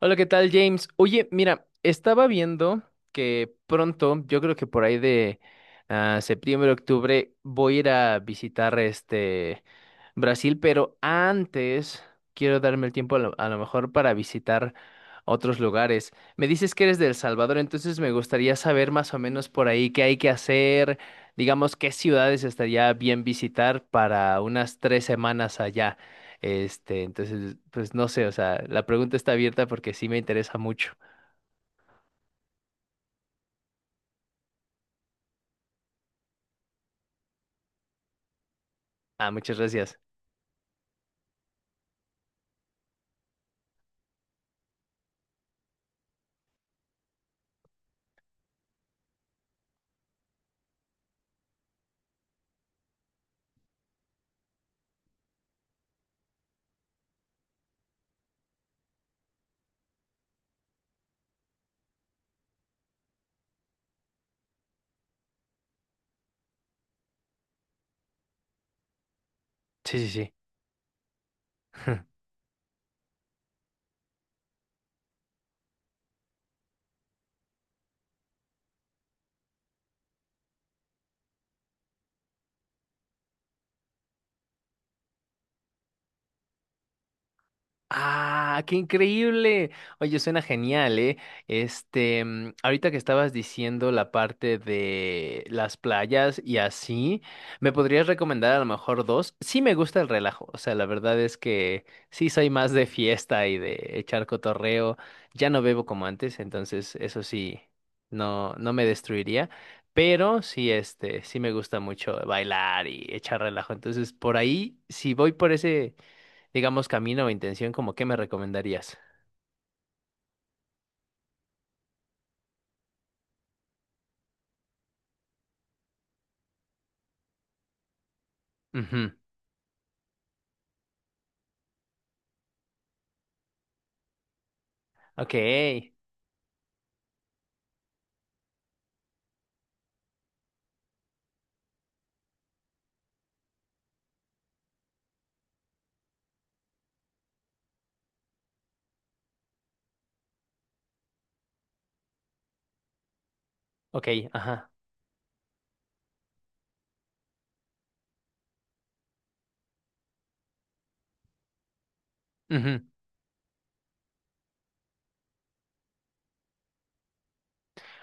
Hola, ¿qué tal, James? Oye, mira, estaba viendo que pronto, yo creo que por ahí de septiembre, octubre, voy a ir a visitar Brasil, pero antes quiero darme el tiempo a lo mejor para visitar otros lugares. Me dices que eres de El Salvador, entonces me gustaría saber más o menos por ahí qué hay que hacer, digamos, qué ciudades estaría bien visitar para unas 3 semanas allá. Entonces, pues no sé, o sea, la pregunta está abierta porque sí me interesa mucho. Ah, muchas gracias. Sí, sí, sí. Ah, qué increíble. Oye, suena genial, ¿eh? Ahorita que estabas diciendo la parte de las playas y así, ¿me podrías recomendar a lo mejor dos? Sí me gusta el relajo, o sea, la verdad es que sí soy más de fiesta y de echar cotorreo. Ya no bebo como antes, entonces eso sí, no me destruiría. Pero sí, sí me gusta mucho bailar y echar relajo. Entonces, por ahí, si voy por ese digamos, camino o intención, como qué me recomendarías. Ujú. Ok, ok, ajá. Ujú.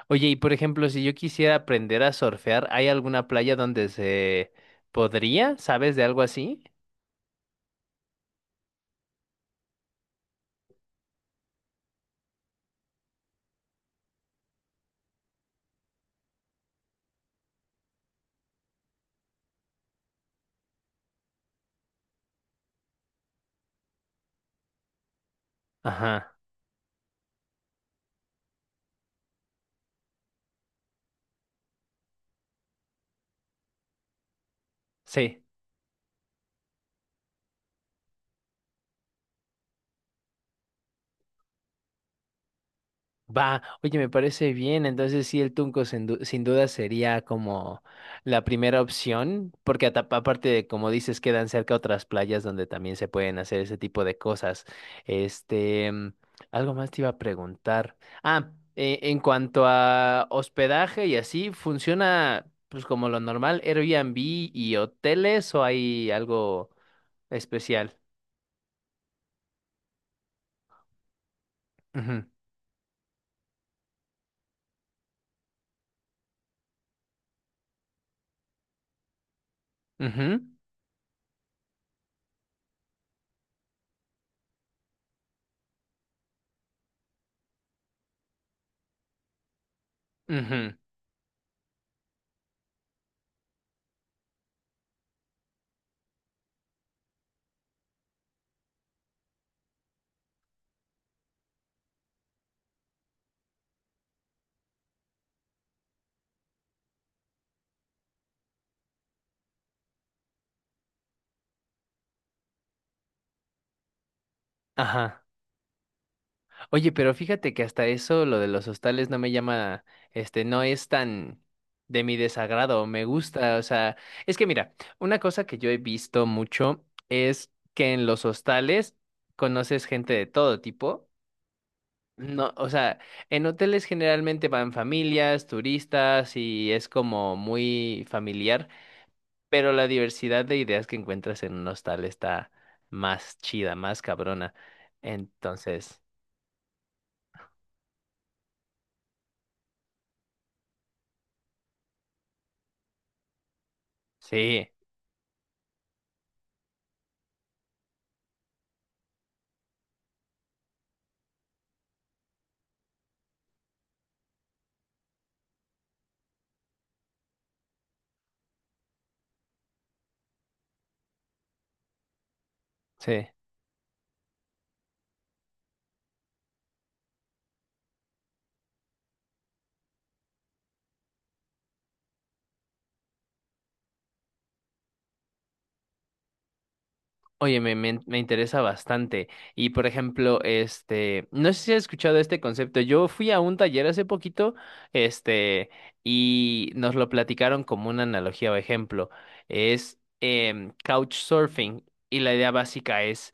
Oye, y por ejemplo, si yo quisiera aprender a surfear, ¿hay alguna playa donde se podría? ¿Sabes de algo así? Ajá, sí. Va, oye, me parece bien. Entonces, sí, el Tunco sin duda sería como la primera opción, porque aparte de, como dices, quedan cerca otras playas donde también se pueden hacer ese tipo de cosas. Este, mm, Algo más te iba a preguntar. En cuanto a hospedaje y así, ¿funciona pues como lo normal, Airbnb y hoteles o hay algo especial? Ujú, ujú, ujú, ajá. Oye, pero fíjate que hasta eso, lo de los hostales no me llama, no es tan de mi desagrado, me gusta, o sea, es que mira, una cosa que yo he visto mucho es que en los hostales conoces gente de todo tipo. No, o sea, en hoteles generalmente van familias, turistas y es como muy familiar, pero la diversidad de ideas que encuentras en un hostal está más chida, más cabrona. Entonces, sí, sí. Oye, me interesa bastante. Y por ejemplo, no sé si has escuchado este concepto. Yo fui a un taller hace poquito, este, y nos lo platicaron como una analogía o ejemplo. Es couchsurfing. Y la idea básica es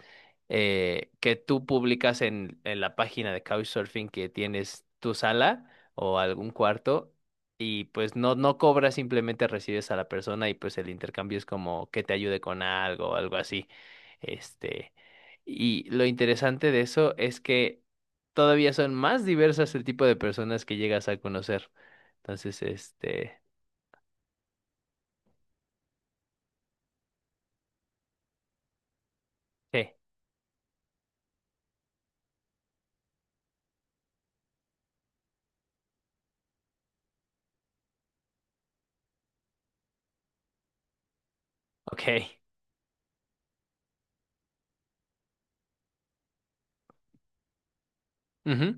que tú publicas en la página de couchsurfing que tienes tu sala o algún cuarto. Y pues no cobras, simplemente recibes a la persona y pues el intercambio es como que te ayude con algo o algo así. Este, y lo interesante de eso es que todavía son más diversas el tipo de personas que llegas a conocer. Entonces, eh, ok. Ujú,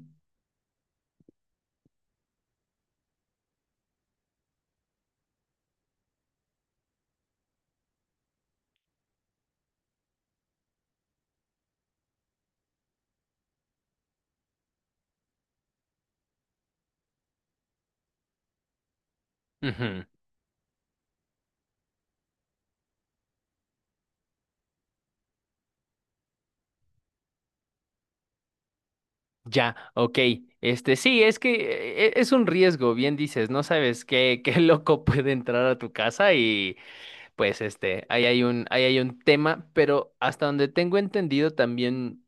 ujú. Ya, ok. Sí, es que es un riesgo, bien dices, no sabes qué, qué loco puede entrar a tu casa y pues ahí hay un tema, pero hasta donde tengo entendido también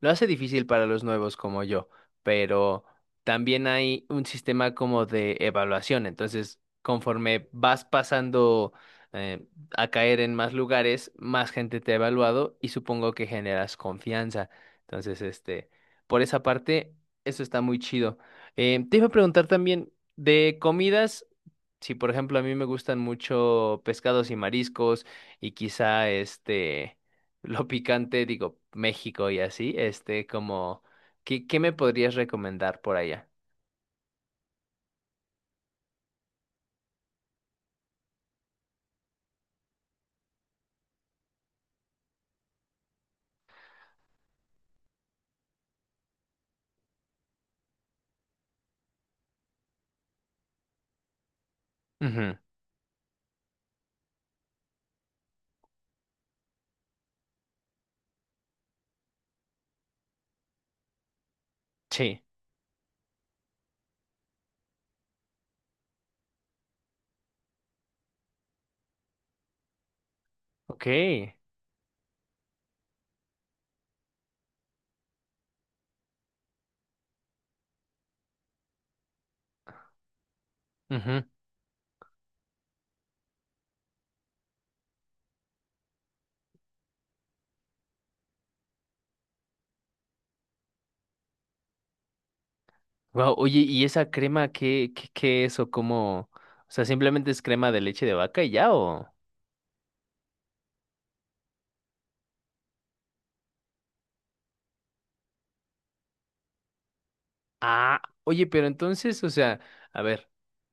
lo hace difícil para los nuevos como yo, pero también hay un sistema como de evaluación. Entonces, conforme vas pasando eh, a caer en más lugares, más gente te ha evaluado y supongo que generas confianza. Entonces, por esa parte, eso está muy chido. Te iba a preguntar también de comidas. Sí, por ejemplo, a mí me gustan mucho pescados y mariscos y quizá lo picante, digo, México y así, este como ¿qué, qué me podrías recomendar por allá? Ujú, sí, ok. Wow, oye, ¿y esa crema qué es o cómo? O sea, simplemente es crema de leche de vaca y ya o ah, oye, pero entonces, o sea, a ver,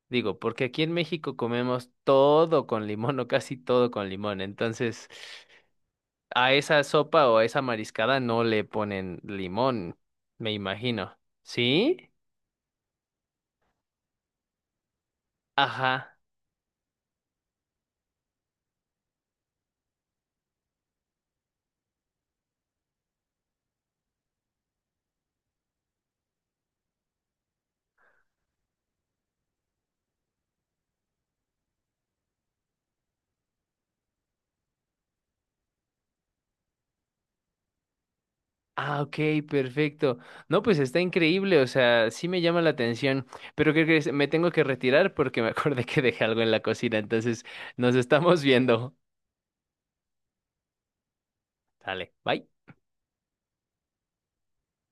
digo, porque aquí en México comemos todo con limón o casi todo con limón, entonces a esa sopa o a esa mariscada no le ponen limón, me imagino. ¿Sí? Ajá. Ah, ok, perfecto. No, pues está increíble, o sea, sí me llama la atención, pero creo que me tengo que retirar porque me acordé que dejé algo en la cocina, entonces nos estamos viendo. Dale, bye.